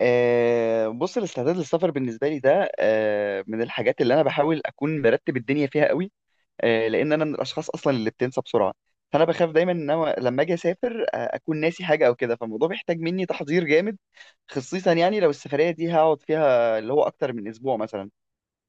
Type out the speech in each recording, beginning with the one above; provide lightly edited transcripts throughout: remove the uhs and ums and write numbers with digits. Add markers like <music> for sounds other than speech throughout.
بص، الاستعداد للسفر بالنسبه لي ده من الحاجات اللي انا بحاول اكون مرتب الدنيا فيها قوي. لان انا من الاشخاص اصلا اللي بتنسى بسرعه، فانا بخاف دايما ان انا لما اجي اسافر اكون ناسي حاجه او كده. فالموضوع بيحتاج مني تحضير جامد، خصيصا يعني لو السفريه دي هقعد فيها اللي هو اكتر من اسبوع مثلا.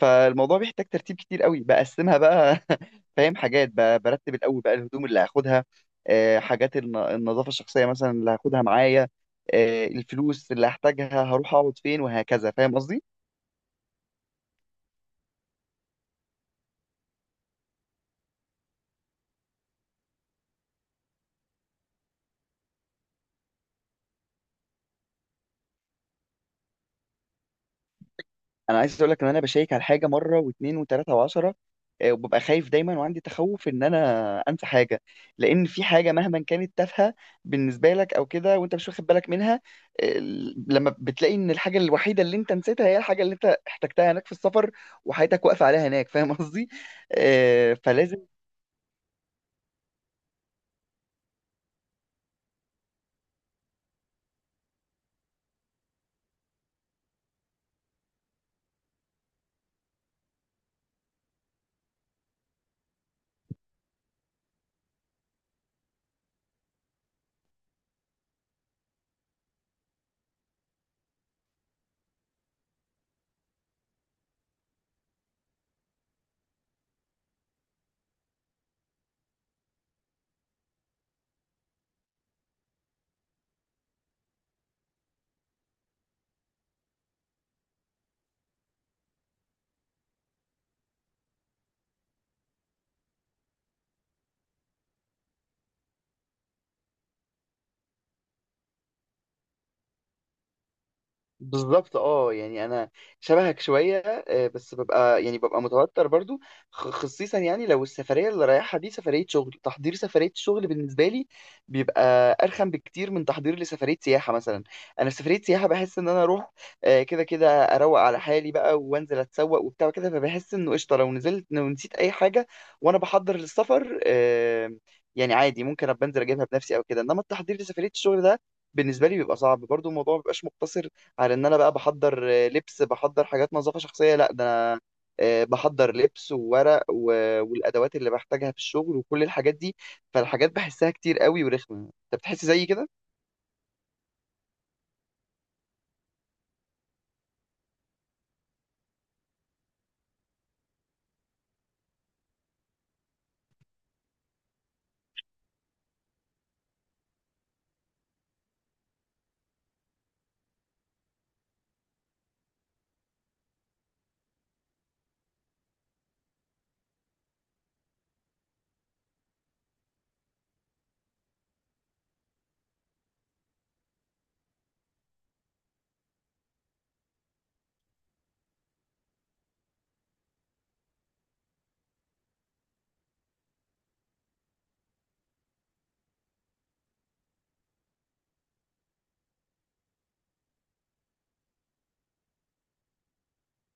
فالموضوع بيحتاج ترتيب كتير قوي، بقسمها بقى <laughs> فاهم، حاجات برتب الاول بقى الهدوم اللي هاخدها، حاجات النظافه الشخصيه مثلا اللي هاخدها معايا، الفلوس اللي هحتاجها، هروح اقعد فين، وهكذا. فاهم قصدي؟ انا عايز اقول لك ان انا بشيك على حاجه مره واثنين وثلاثه وعشره. وببقى خايف دايما، وعندي تخوف ان انا انسى حاجه. لان في حاجه مهما كانت تافهه بالنسبه لك او كده، وانت مش واخد بالك منها، آه، لما بتلاقي ان الحاجه الوحيده اللي انت نسيتها هي الحاجه اللي انت احتجتها هناك في السفر، وحياتك واقفه عليها هناك. فاهم قصدي؟ فلازم. بالظبط، اه، يعني انا شبهك شويه. بس ببقى يعني ببقى متوتر برضو، خصيصا يعني لو السفريه اللي رايحها دي سفريه شغل. تحضير سفريه الشغل بالنسبه لي بيبقى ارخم بكتير من تحضير لسفريه سياحه مثلا. انا في سفريه سياحه بحس ان انا اروح كده كده اروق على حالي بقى، وانزل اتسوق وبتاع كده. فبحس انه قشطه لو نزلت، لو نسيت اي حاجه وانا بحضر للسفر يعني عادي ممكن ابقى انزل اجيبها بنفسي او كده. انما التحضير لسفريه الشغل ده بالنسبه لي بيبقى صعب برضو. الموضوع ما بيبقاش مقتصر على ان انا بقى بحضر لبس، بحضر حاجات نظافه شخصيه، لا، ده انا بحضر لبس وورق والادوات اللي بحتاجها في الشغل، وكل الحاجات دي. فالحاجات بحسها كتير قوي ورخمه. انت بتحس زي كده؟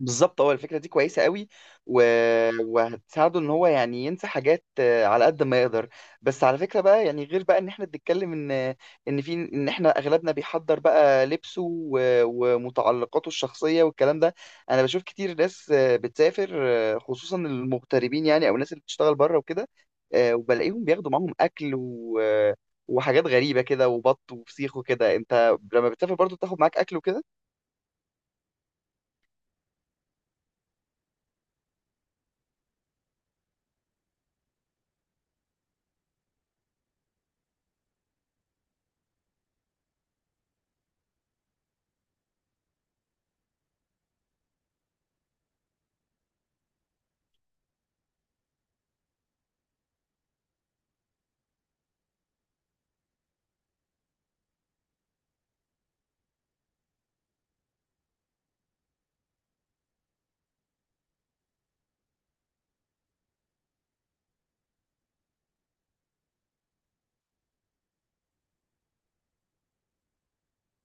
بالظبط، هو الفكرة دي كويسة قوي، و... وهتساعده ان هو يعني ينسى حاجات على قد ما يقدر. بس على فكرة بقى، يعني غير بقى ان احنا بنتكلم ان في، ان احنا اغلبنا بيحضر بقى لبسه و... ومتعلقاته الشخصية والكلام ده، انا بشوف كتير ناس بتسافر خصوصا المغتربين يعني، او الناس اللي بتشتغل بره وكده، وبلاقيهم بياخدوا معاهم اكل و... وحاجات غريبة كده، وبط وفسيخ وكده. انت لما بتسافر برضو بتاخد معاك اكل وكده؟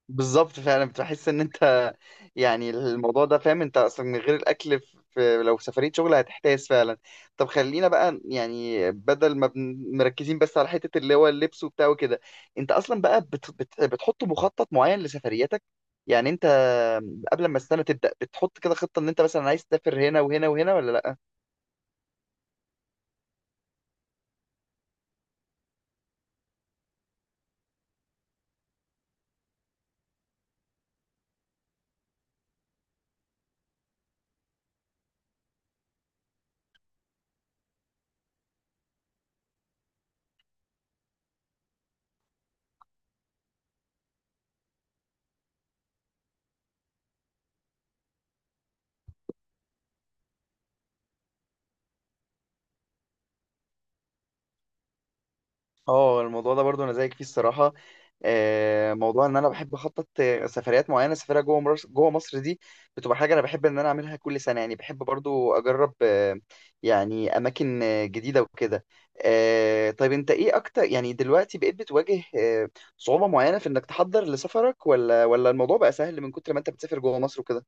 بالظبط، فعلا بتحس ان انت يعني الموضوع ده فاهم، انت اصلا من غير الاكل في لو سفريه شغل هتحتاس فعلا. طب خلينا بقى يعني، بدل ما مركزين بس على حته اللي هو اللبس وبتاع وكده، انت اصلا بقى بت بت بتحط مخطط معين لسفرياتك؟ يعني انت قبل ما السنه تبدا بتحط كده خطه ان انت مثلا عايز تسافر هنا وهنا وهنا، ولا؟ اه، الموضوع ده برضو انا زيك فيه الصراحه. موضوع ان انا بحب اخطط سفريات معينه، سفريه جوه مصر دي بتبقى حاجه انا بحب ان انا اعملها كل سنه. يعني بحب برضو اجرب يعني اماكن جديده وكده. طيب انت ايه اكتر يعني دلوقتي بقيت بتواجه صعوبه معينه في انك تحضر لسفرك، ولا الموضوع بقى سهل من كتر ما انت بتسافر جوه مصر وكده؟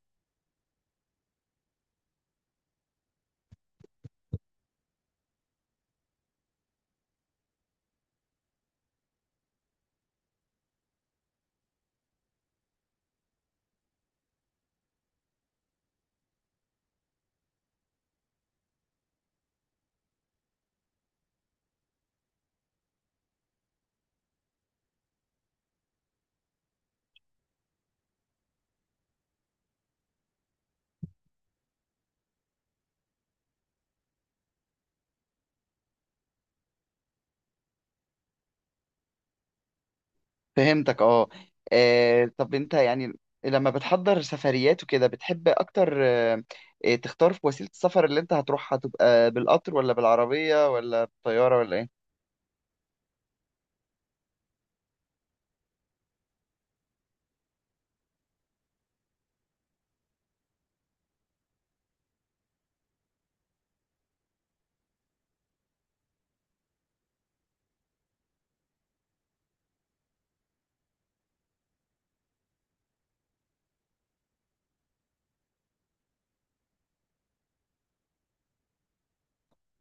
فهمتك، اه. طب انت يعني لما بتحضر سفريات وكده بتحب اكتر تختار في وسيلة السفر اللي انت هتروحها تبقى بالقطر، ولا بالعربية، ولا بالطيارة، ولا ايه؟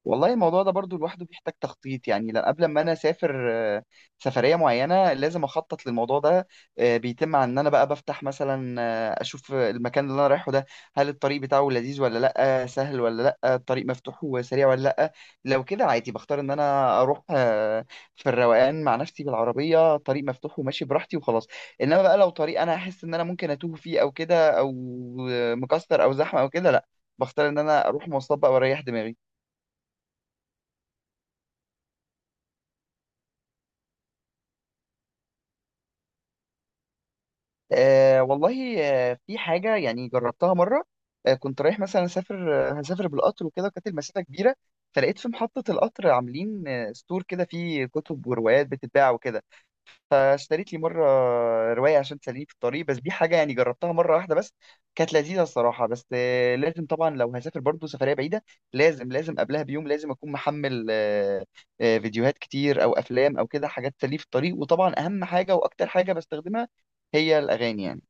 والله الموضوع ده برضو لوحده بيحتاج تخطيط يعني. قبل ما انا اسافر سفريه معينه لازم اخطط للموضوع ده. بيتم عن ان انا بقى بفتح مثلا اشوف المكان اللي انا رايحه ده، هل الطريق بتاعه لذيذ ولا لا، سهل ولا لا، الطريق مفتوح وسريع ولا لا. لو كده عادي بختار ان انا اروح في الروقان مع نفسي بالعربيه، طريق مفتوح وماشي براحتي وخلاص. انما بقى لو طريق انا احس ان انا ممكن اتوه فيه او كده، او مكسر او زحمه او كده، لا، بختار ان انا اروح مواصلات بقى واريح دماغي. آه والله، آه، في حاجة يعني جربتها مرة. آه كنت رايح مثلا أسافر آه، هسافر بالقطر وكده، وكانت المسافة كبيرة، فلقيت في محطة القطر عاملين آه ستور كده فيه كتب وروايات بتتباع وكده، فاشتريت لي مرة رواية عشان تسليني في الطريق. بس دي حاجة يعني جربتها مرة واحدة بس، كانت لذيذة الصراحة. بس آه لازم طبعا لو هسافر برضو سفرية بعيدة، لازم لازم قبلها بيوم لازم أكون محمل آه، آه فيديوهات كتير أو أفلام أو كده، حاجات تسليني في الطريق. وطبعا أهم حاجة وأكتر حاجة بستخدمها هي الأغاني يعني.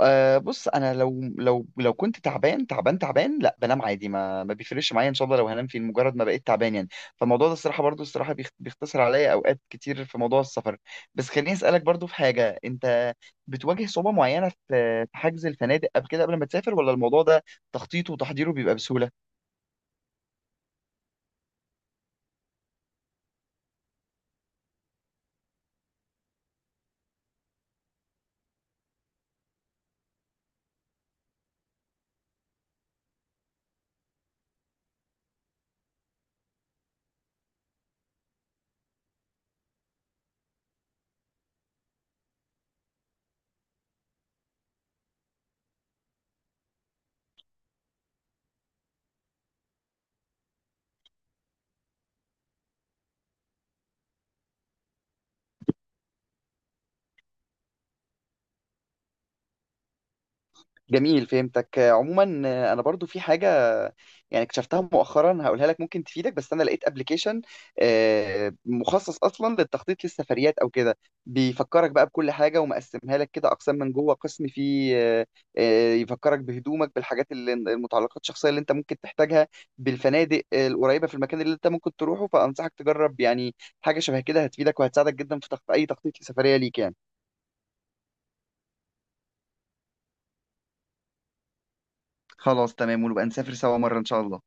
أه بص، انا لو كنت تعبان تعبان تعبان لا بنام عادي، ما بيفرقش معايا ان شاء الله لو هنام في مجرد ما بقيت تعبان يعني. فالموضوع ده الصراحه برضو الصراحه بيختصر عليا اوقات كتير في موضوع السفر. بس خليني اسالك برضو، في حاجه انت بتواجه صعوبه معينه في حجز الفنادق قبل كده، قبل ما تسافر، ولا الموضوع ده تخطيطه وتحضيره بيبقى بسهوله؟ جميل، فهمتك. عموما انا برضو في حاجه يعني اكتشفتها مؤخرا هقولها لك، ممكن تفيدك. بس انا لقيت ابلكيشن مخصص اصلا للتخطيط للسفريات او كده. بيفكرك بقى بكل حاجه، ومقسمها لك كده اقسام من جوه، قسم فيه يفكرك بهدومك، بالحاجات اللي المتعلقات الشخصيه اللي انت ممكن تحتاجها، بالفنادق القريبه في المكان اللي انت ممكن تروحه. فانصحك تجرب يعني حاجه شبه كده، هتفيدك وهتساعدك جدا في اي تخطيط لسفريه ليك يعني. خلاص، تمام، ونبقى نسافر سوا مره ان شاء الله.